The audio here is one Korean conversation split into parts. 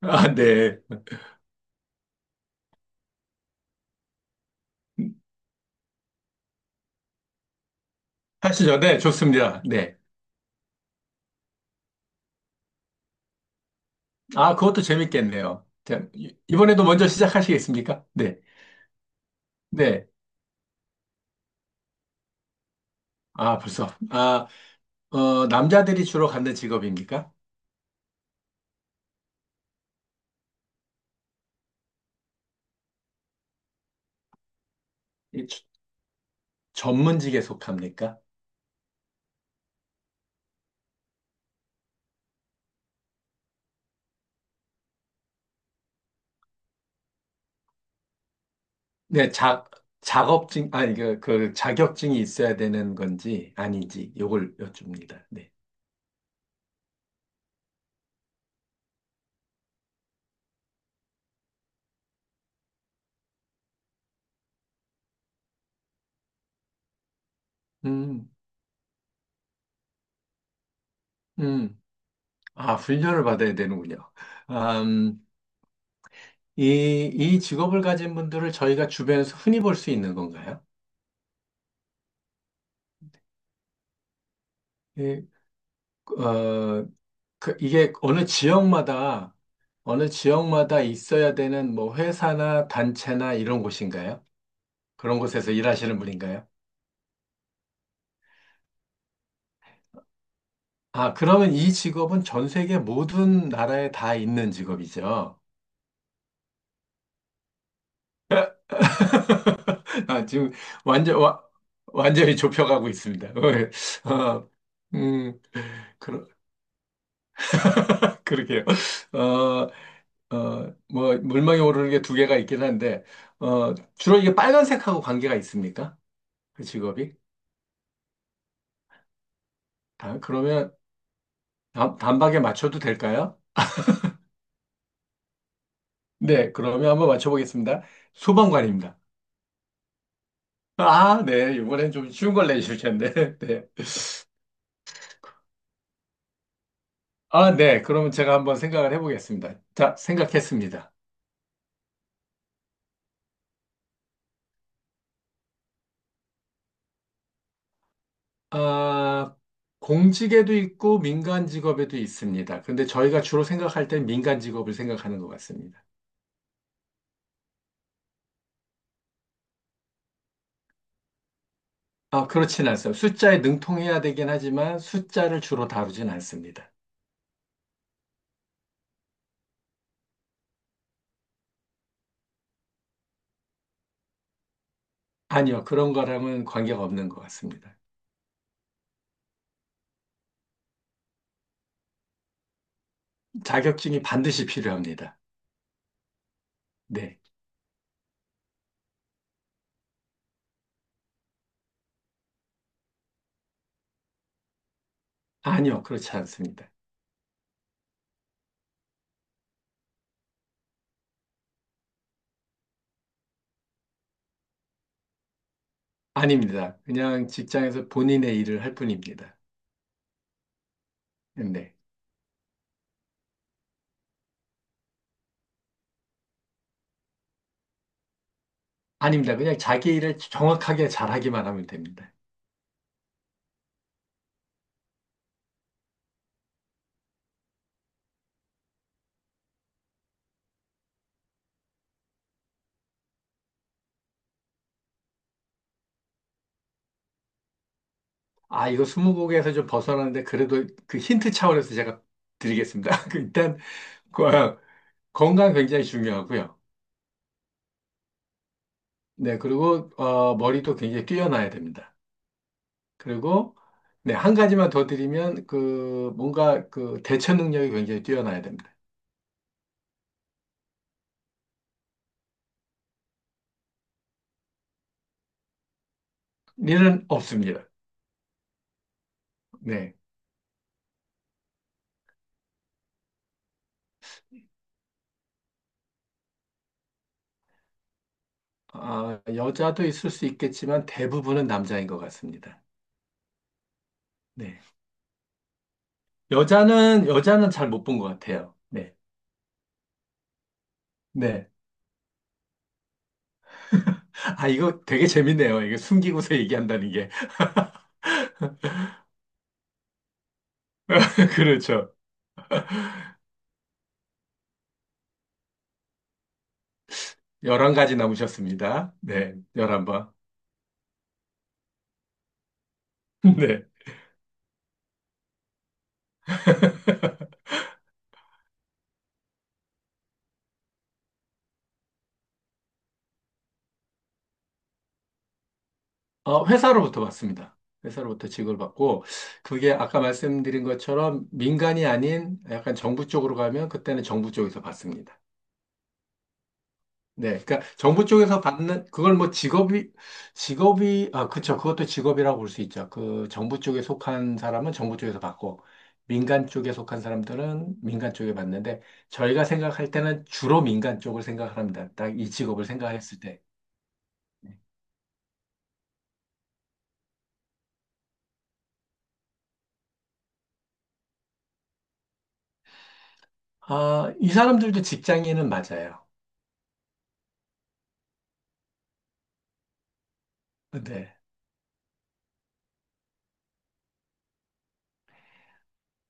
아, 네. 하시죠. 네, 좋습니다. 네. 아, 그것도 재밌겠네요. 자, 이번에도 먼저 시작하시겠습니까? 네. 네. 아, 벌써. 아, 어, 남자들이 주로 갖는 직업입니까? 이 주- 전문직에 속합니까? 네, 자, 작업증, 아니, 그 자격증이 있어야 되는 건지 아닌지 요걸 여쭙니다. 네. 음, 음. 아, 훈련을 받아야 되는군요. 아, 이 직업을 가진 분들을 저희가 주변에서 흔히 볼 수 있는 건가요? 예, 어, 그 이게 어느 지역마다, 어느 지역마다 있어야 되는 뭐 회사나 단체나 이런 곳인가요? 그런 곳에서 일하시는 분인가요? 아, 그러면 이 직업은 전 세계 모든 나라에 다 있는 직업이죠. 아, 지금 완전, 와, 완전히 좁혀가고 있습니다. 어, 음, 그러, 그러게요. 어, 어, 뭐, 물망에 오르는 게 두 개가 있긴 한데, 어, 주로 이게 빨간색하고 관계가 있습니까? 그 직업이? 그러면 단박에 맞춰도 될까요? 네, 그러면 한번 맞춰보겠습니다. 소방관입니다. 아, 네, 이번엔 좀 쉬운 걸 내주실 텐데. 네. 아, 네, 그러면 제가 한번 생각을 해보겠습니다. 자, 생각했습니다. 아, 공직에도 있고 민간 직업에도 있습니다. 근데 저희가 주로 생각할 때 민간 직업을 생각하는 것 같습니다. 아, 그렇진 않습니다. 숫자에 능통해야 되긴 하지만 숫자를 주로 다루진 않습니다. 아니요, 그런 거랑은 관계가 없는 것 같습니다. 자격증이 반드시 필요합니다. 네. 아니요, 그렇지 않습니다. 아닙니다. 그냥 직장에서 본인의 일을 할 뿐입니다. 네. 아닙니다. 그냥 자기 일을 정확하게 잘하기만 하면 됩니다. 아, 이거 스무고개에서 좀 벗어나는데 그래도 그 힌트 차원에서 제가 드리겠습니다. 그 일단 거- 건강 굉장히 중요하고요. 네, 그리고 어, 머리도 굉장히 뛰어나야 됩니다. 그리고 네, 한 가지만 더 드리면 그 뭔가 그 대처 능력이 굉장히 뛰어나야 됩니다. 일은 없습니다. 네. 아, 여자도 있을 수 있겠지만 대부분은 남자인 것 같습니다. 네. 여자는 잘 못 본 것 같아요. 네. 네. 아, 이거 되게 재밌네요. 이게 숨기고서 얘기한다는 게. 그렇죠. 11가지 남으셨습니다. 네. 11번. 네. 어, 회사로부터 받습니다. 회사로부터 직을 받고, 그게 아까 말씀드린 것처럼 민간이 아닌 약간 정부 쪽으로 가면 그때는 정부 쪽에서 받습니다. 네, 그러니까 정부 쪽에서 받는 그걸 뭐 직업이 아 그쵸 그것도 직업이라고 볼 수 있죠. 그 정부 쪽에 속한 사람은 정부 쪽에서 받고 민간 쪽에 속한 사람들은 민간 쪽에 받는데 저희가 생각할 때는 주로 민간 쪽을 생각 합니다. 딱 이 직업을 생각했을 때. 아, 이 사람들도 직장인은 맞아요. 네,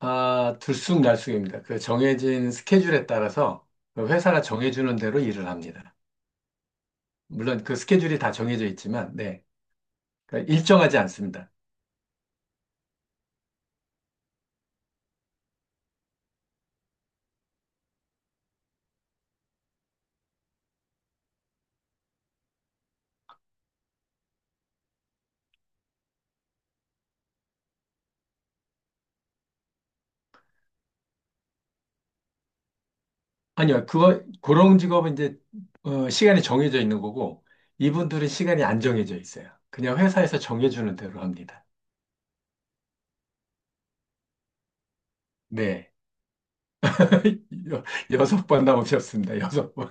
아, 들쑥날쑥입니다. 그 정해진 스케줄에 따라서 그 회사가 정해주는 대로 일을 합니다. 물론 그 스케줄이 다 정해져 있지만 네. 그러니까 일정하지 않습니다. 아니요, 그런 직업은 이제, 어, 시간이 정해져 있는 거고, 이분들은 시간이 안 정해져 있어요. 그냥 회사에서 정해주는 대로 합니다. 네. 여, 여섯 번 나오셨습니다. 여섯 번.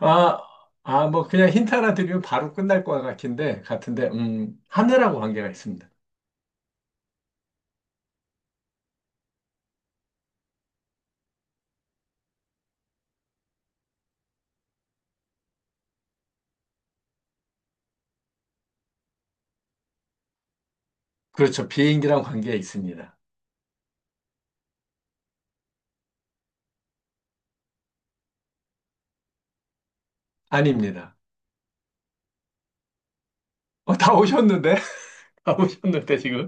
아, 뭐, 그냥 힌트 하나 드리면 바로 끝날 것 같은데, 하늘하고 관계가 있습니다. 그렇죠. 비행기랑 관계가 있습니다. 아닙니다. 어, 다 오셨는데? 다 오셨는데, 지금?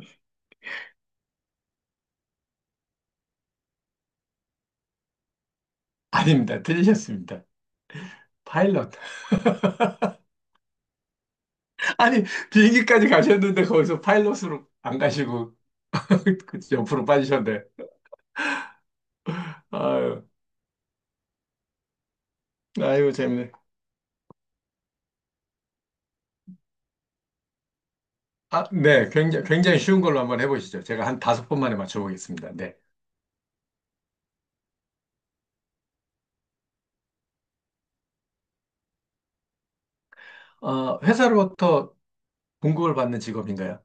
아닙니다. 들리셨습니다. 파일럿. 아니, 비행기까지 가셨는데 거기서 파일럿으로 안 가시고 그 옆으로 빠지셨네. 아유, 아유, 재밌네. 아, 네. 굉장히, 굉장히 쉬운 걸로 한번 해보시죠. 제가 한 다섯 번 만에 맞춰보겠습니다. 네. 어, 회사로부터 봉급을 받는 직업인가요?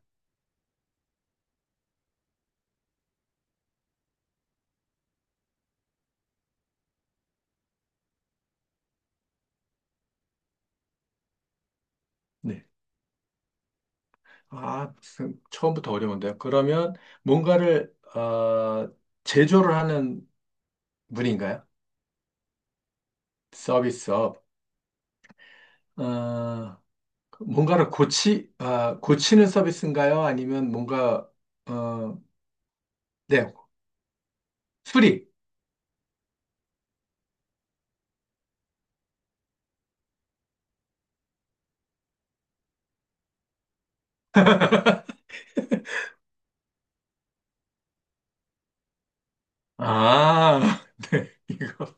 네. 아, 무슨, 처음부터 어려운데요. 그러면 뭔가를, 어, 제조를 하는 분인가요? 서비스업. 어, 뭔가를 아, 고치는 서비스인가요? 아니면 뭔가, 어, 네, 수리. 아, 네, 이거.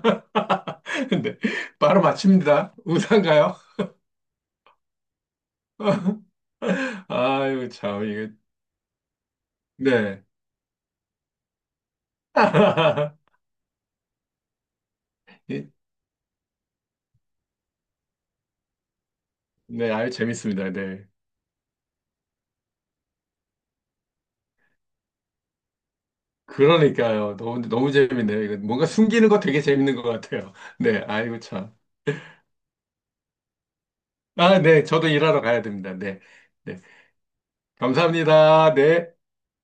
네, 바로 맞춥니다. 우산가요? 아유, 참, 이거, 네. 이- 네, 아유, 재밌습니다. 네. 그러니까요. 너무, 너무 재밌네요. 이거 뭔가 숨기는 거 되게 재밌는 것 같아요. 네, 아이고, 참. 아, 네, 저도 일하러 가야 됩니다. 네. 네. 감사합니다. 네.